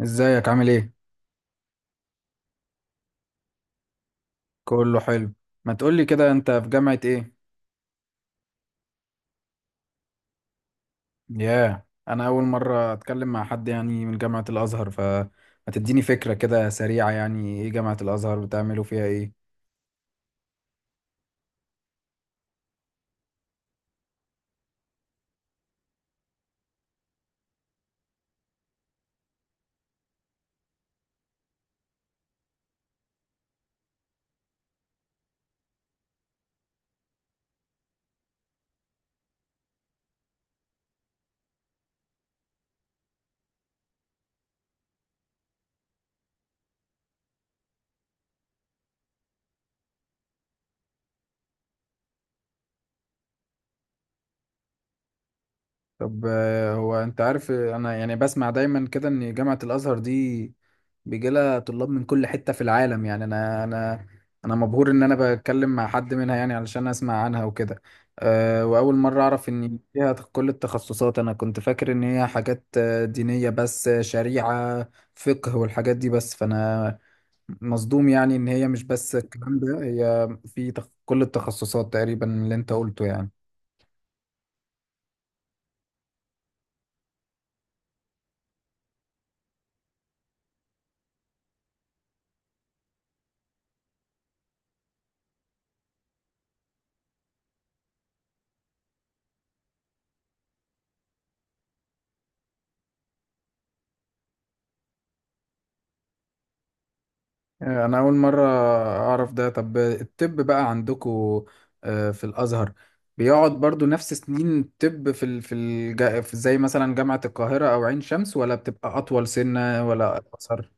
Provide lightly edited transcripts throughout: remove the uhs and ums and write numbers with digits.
ازيك، عامل ايه؟ كله حلو. ما تقولي كده، انت في جامعة ايه؟ ياه، انا اول مرة اتكلم مع حد يعني من جامعة الازهر، فما تديني فكرة كده سريعة، يعني ايه جامعة الازهر؟ بتعملوا فيها ايه؟ طب هو انت عارف، انا يعني بسمع دايما كده ان جامعة الازهر دي بيجي لها طلاب من كل حتة في العالم. يعني انا انا مبهور ان انا بتكلم مع حد منها، يعني علشان اسمع عنها وكده. أه، واول مرة اعرف ان فيها كل التخصصات. انا كنت فاكر ان هي حاجات دينية بس، شريعة، فقه والحاجات دي بس. فانا مصدوم يعني ان هي مش بس الكلام ده، هي في كل التخصصات تقريبا اللي انت قلته يعني. انا اول مره اعرف ده. طب الطب بقى عندكو في الازهر، بيقعد برضو نفس سنين الطب في في زي مثلا جامعه القاهره او عين شمس، ولا بتبقى اطول سنه ولا اقصر؟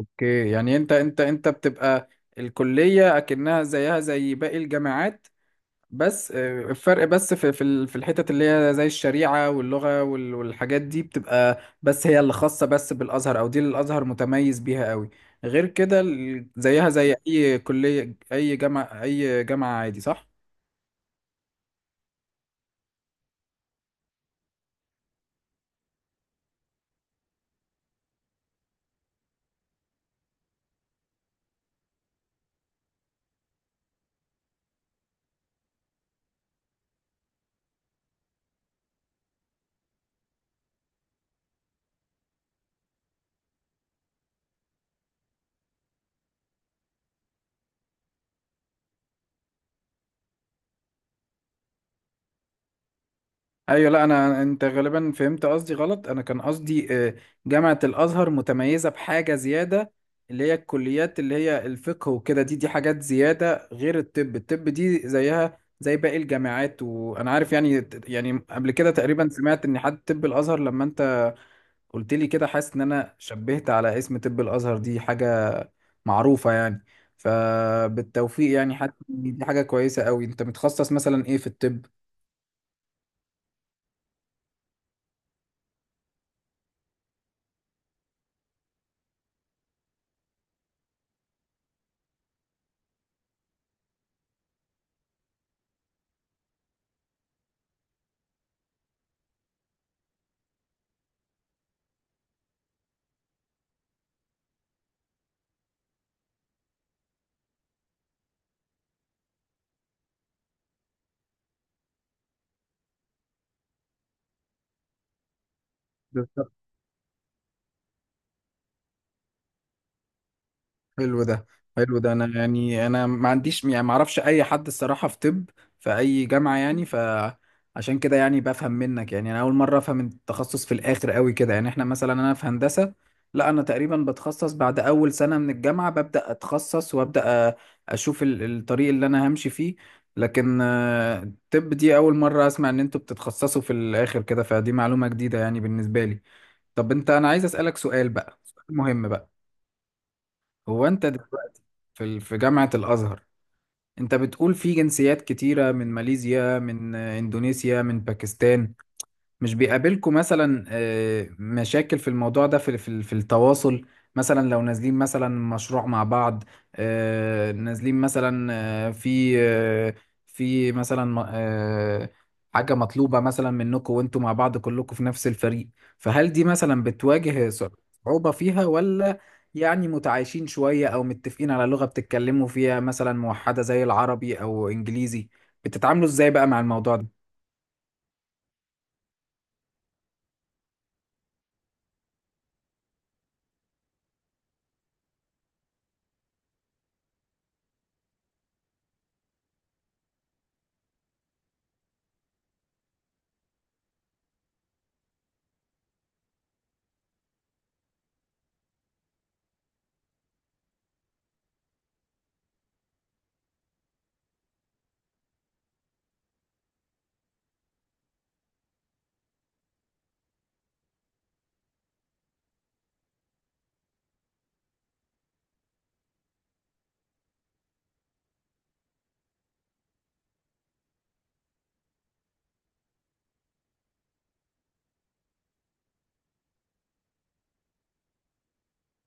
اوكي، يعني انت بتبقى الكليه اكنها زيها زي باقي الجامعات، بس الفرق بس في في الحتت اللي هي زي الشريعة واللغة وال- والحاجات دي، بتبقى بس هي اللي خاصة بس بالأزهر، أو دي اللي الأزهر متميز بيها قوي. غير كده زيها زي أي كلية، أي جامعة عادي، صح؟ ايوه، لا انا انت غالبا فهمت قصدي غلط. انا كان قصدي جامعة الازهر متميزة بحاجة زيادة اللي هي الكليات اللي هي الفقه وكده، دي حاجات زيادة. غير الطب، الطب دي زيها زي باقي الجامعات، وانا عارف يعني. يعني قبل كده تقريبا سمعت ان حد طب الازهر، لما انت قلت لي كده حاسس ان انا شبهت على اسم طب الازهر، دي حاجة معروفة يعني. فبالتوفيق يعني، حتى دي حاجة كويسة قوي. انت متخصص مثلا ايه في الطب؟ حلو ده حلو ده. انا يعني انا ما عنديش يعني، ما اعرفش اي حد الصراحه في طب في اي جامعه يعني، فعشان كده يعني بفهم منك يعني. انا اول مره افهم التخصص في الاخر قوي كده. يعني احنا مثلا انا في هندسه، لا انا تقريبا بتخصص بعد اول سنه من الجامعه، ببدا اتخصص وابدا اشوف الطريق اللي انا همشي فيه. لكن الطب دي اول مره اسمع ان انتوا بتتخصصوا في الاخر كده، فدي معلومه جديده يعني بالنسبه لي. طب انت، انا عايز اسالك سؤال بقى، سؤال مهم بقى. هو انت في في جامعة الأزهر، أنت بتقول في جنسيات كتيرة، من ماليزيا، من إندونيسيا، من باكستان، مش بيقابلكم مثلا مشاكل في الموضوع ده، في في التواصل؟ مثلا لو نازلين مثلا مشروع مع بعض، نازلين مثلا، آه، في آه، في مثلا آه، حاجة مطلوبة مثلا منكم وانتوا مع بعض كلكم في نفس الفريق، فهل دي مثلا بتواجه صعوبة فيها، ولا يعني متعايشين شوية، او متفقين على لغة بتتكلموا فيها مثلا موحدة زي العربي او انجليزي؟ بتتعاملوا ازاي بقى مع الموضوع ده؟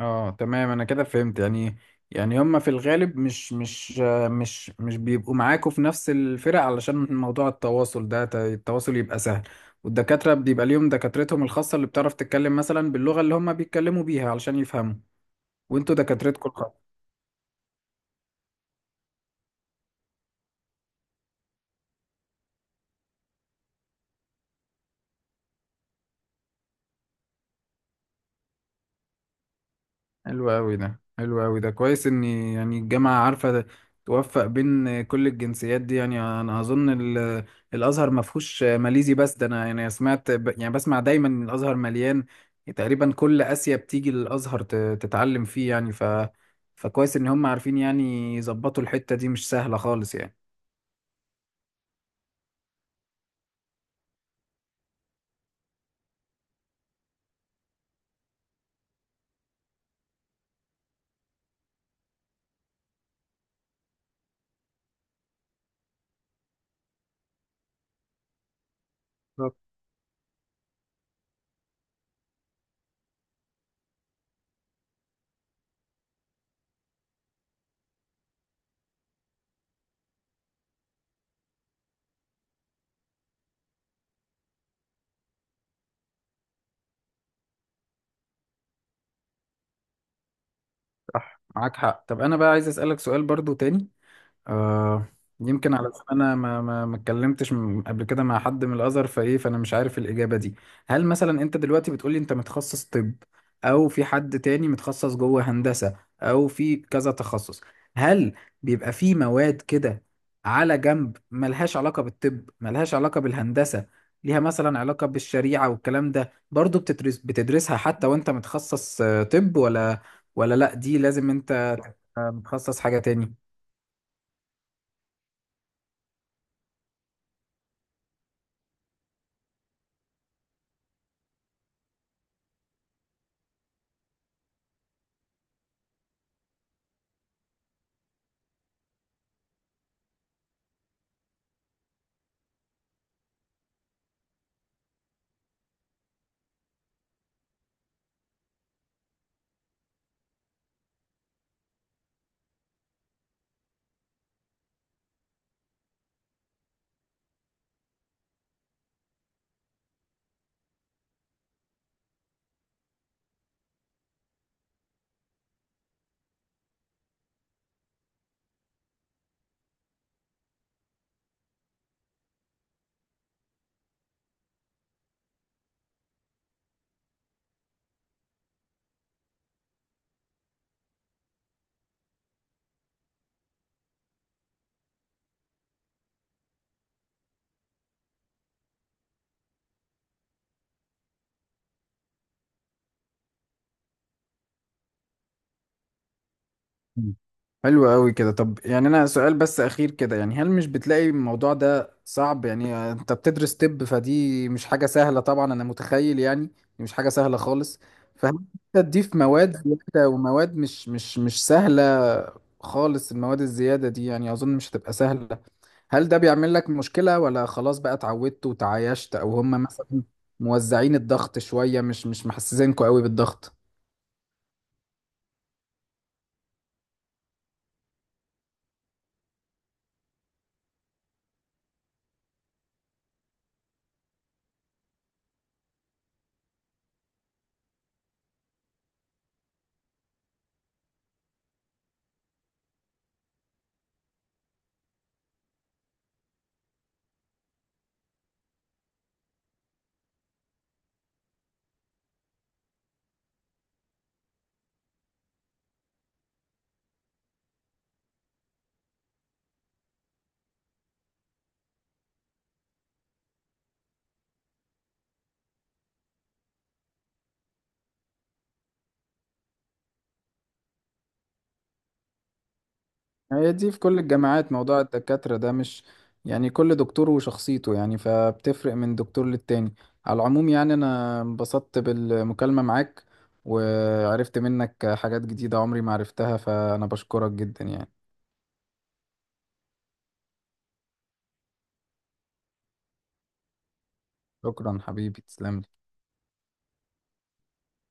اه تمام، انا كده فهمت يعني. يعني هما في الغالب مش مش آه، مش مش بيبقوا معاكوا في نفس الفرق علشان موضوع التواصل ده، التواصل يبقى سهل. والدكاترة بيبقى ليهم دكاترتهم الخاصة اللي بتعرف تتكلم مثلا باللغة اللي هما بيتكلموا بيها علشان يفهموا، وانتوا دكاترتكم. حلو أوي ده، كويس إن يعني الجامعة عارفة توفق بين كل الجنسيات دي. يعني أنا أظن ال- الأزهر ما فيهوش ماليزي بس ده، أنا يعني يعني بسمع دايما إن الأزهر مليان تقريبا. كل آسيا بتيجي للأزهر تتعلم فيه يعني. ف فكويس إن هم عارفين يعني يظبطوا الحتة دي، مش سهلة خالص يعني. بالظبط. صح، معاك حق. طب أنا بقى عايز أسألك سؤال برضو تاني، آه، يمكن على انا ما اتكلمتش قبل كده مع حد من الازهر فايه، فانا مش عارف الاجابه دي. هل مثلا انت دلوقتي بتقولي انت متخصص طب، او في حد تاني متخصص جوه هندسه، او في كذا تخصص، هل بيبقى في مواد كده على جنب ملهاش علاقه بالطب، ملهاش علاقه بالهندسه، ليها مثلا علاقه بالشريعه والكلام ده، برضو بتدرسها حتى وانت متخصص طب؟ ولا، ولا لا دي لازم انت متخصص حاجه تاني؟ مم. حلو قوي كده. طب يعني انا سؤال بس اخير كده يعني، هل مش بتلاقي الموضوع ده صعب؟ يعني انت بتدرس طب فدي مش حاجة سهلة طبعا، انا متخيل يعني دي مش حاجة سهلة خالص، فهل انت تضيف مواد زيادة، ومواد مش سهلة خالص، المواد الزيادة دي يعني اظن مش هتبقى سهلة، هل ده بيعمل لك مشكلة، ولا خلاص بقى اتعودت وتعايشت، او هم مثلا موزعين الضغط شوية مش محسسينكوا قوي بالضغط؟ يعني هي دي في كل الجامعات موضوع الدكاترة ده، مش يعني كل دكتور وشخصيته يعني، فبتفرق من دكتور للتاني. على العموم يعني، أنا انبسطت بالمكالمة معاك، وعرفت منك حاجات جديدة عمري ما عرفتها، فأنا بشكرك جدا يعني. شكرا حبيبي، تسلم لي.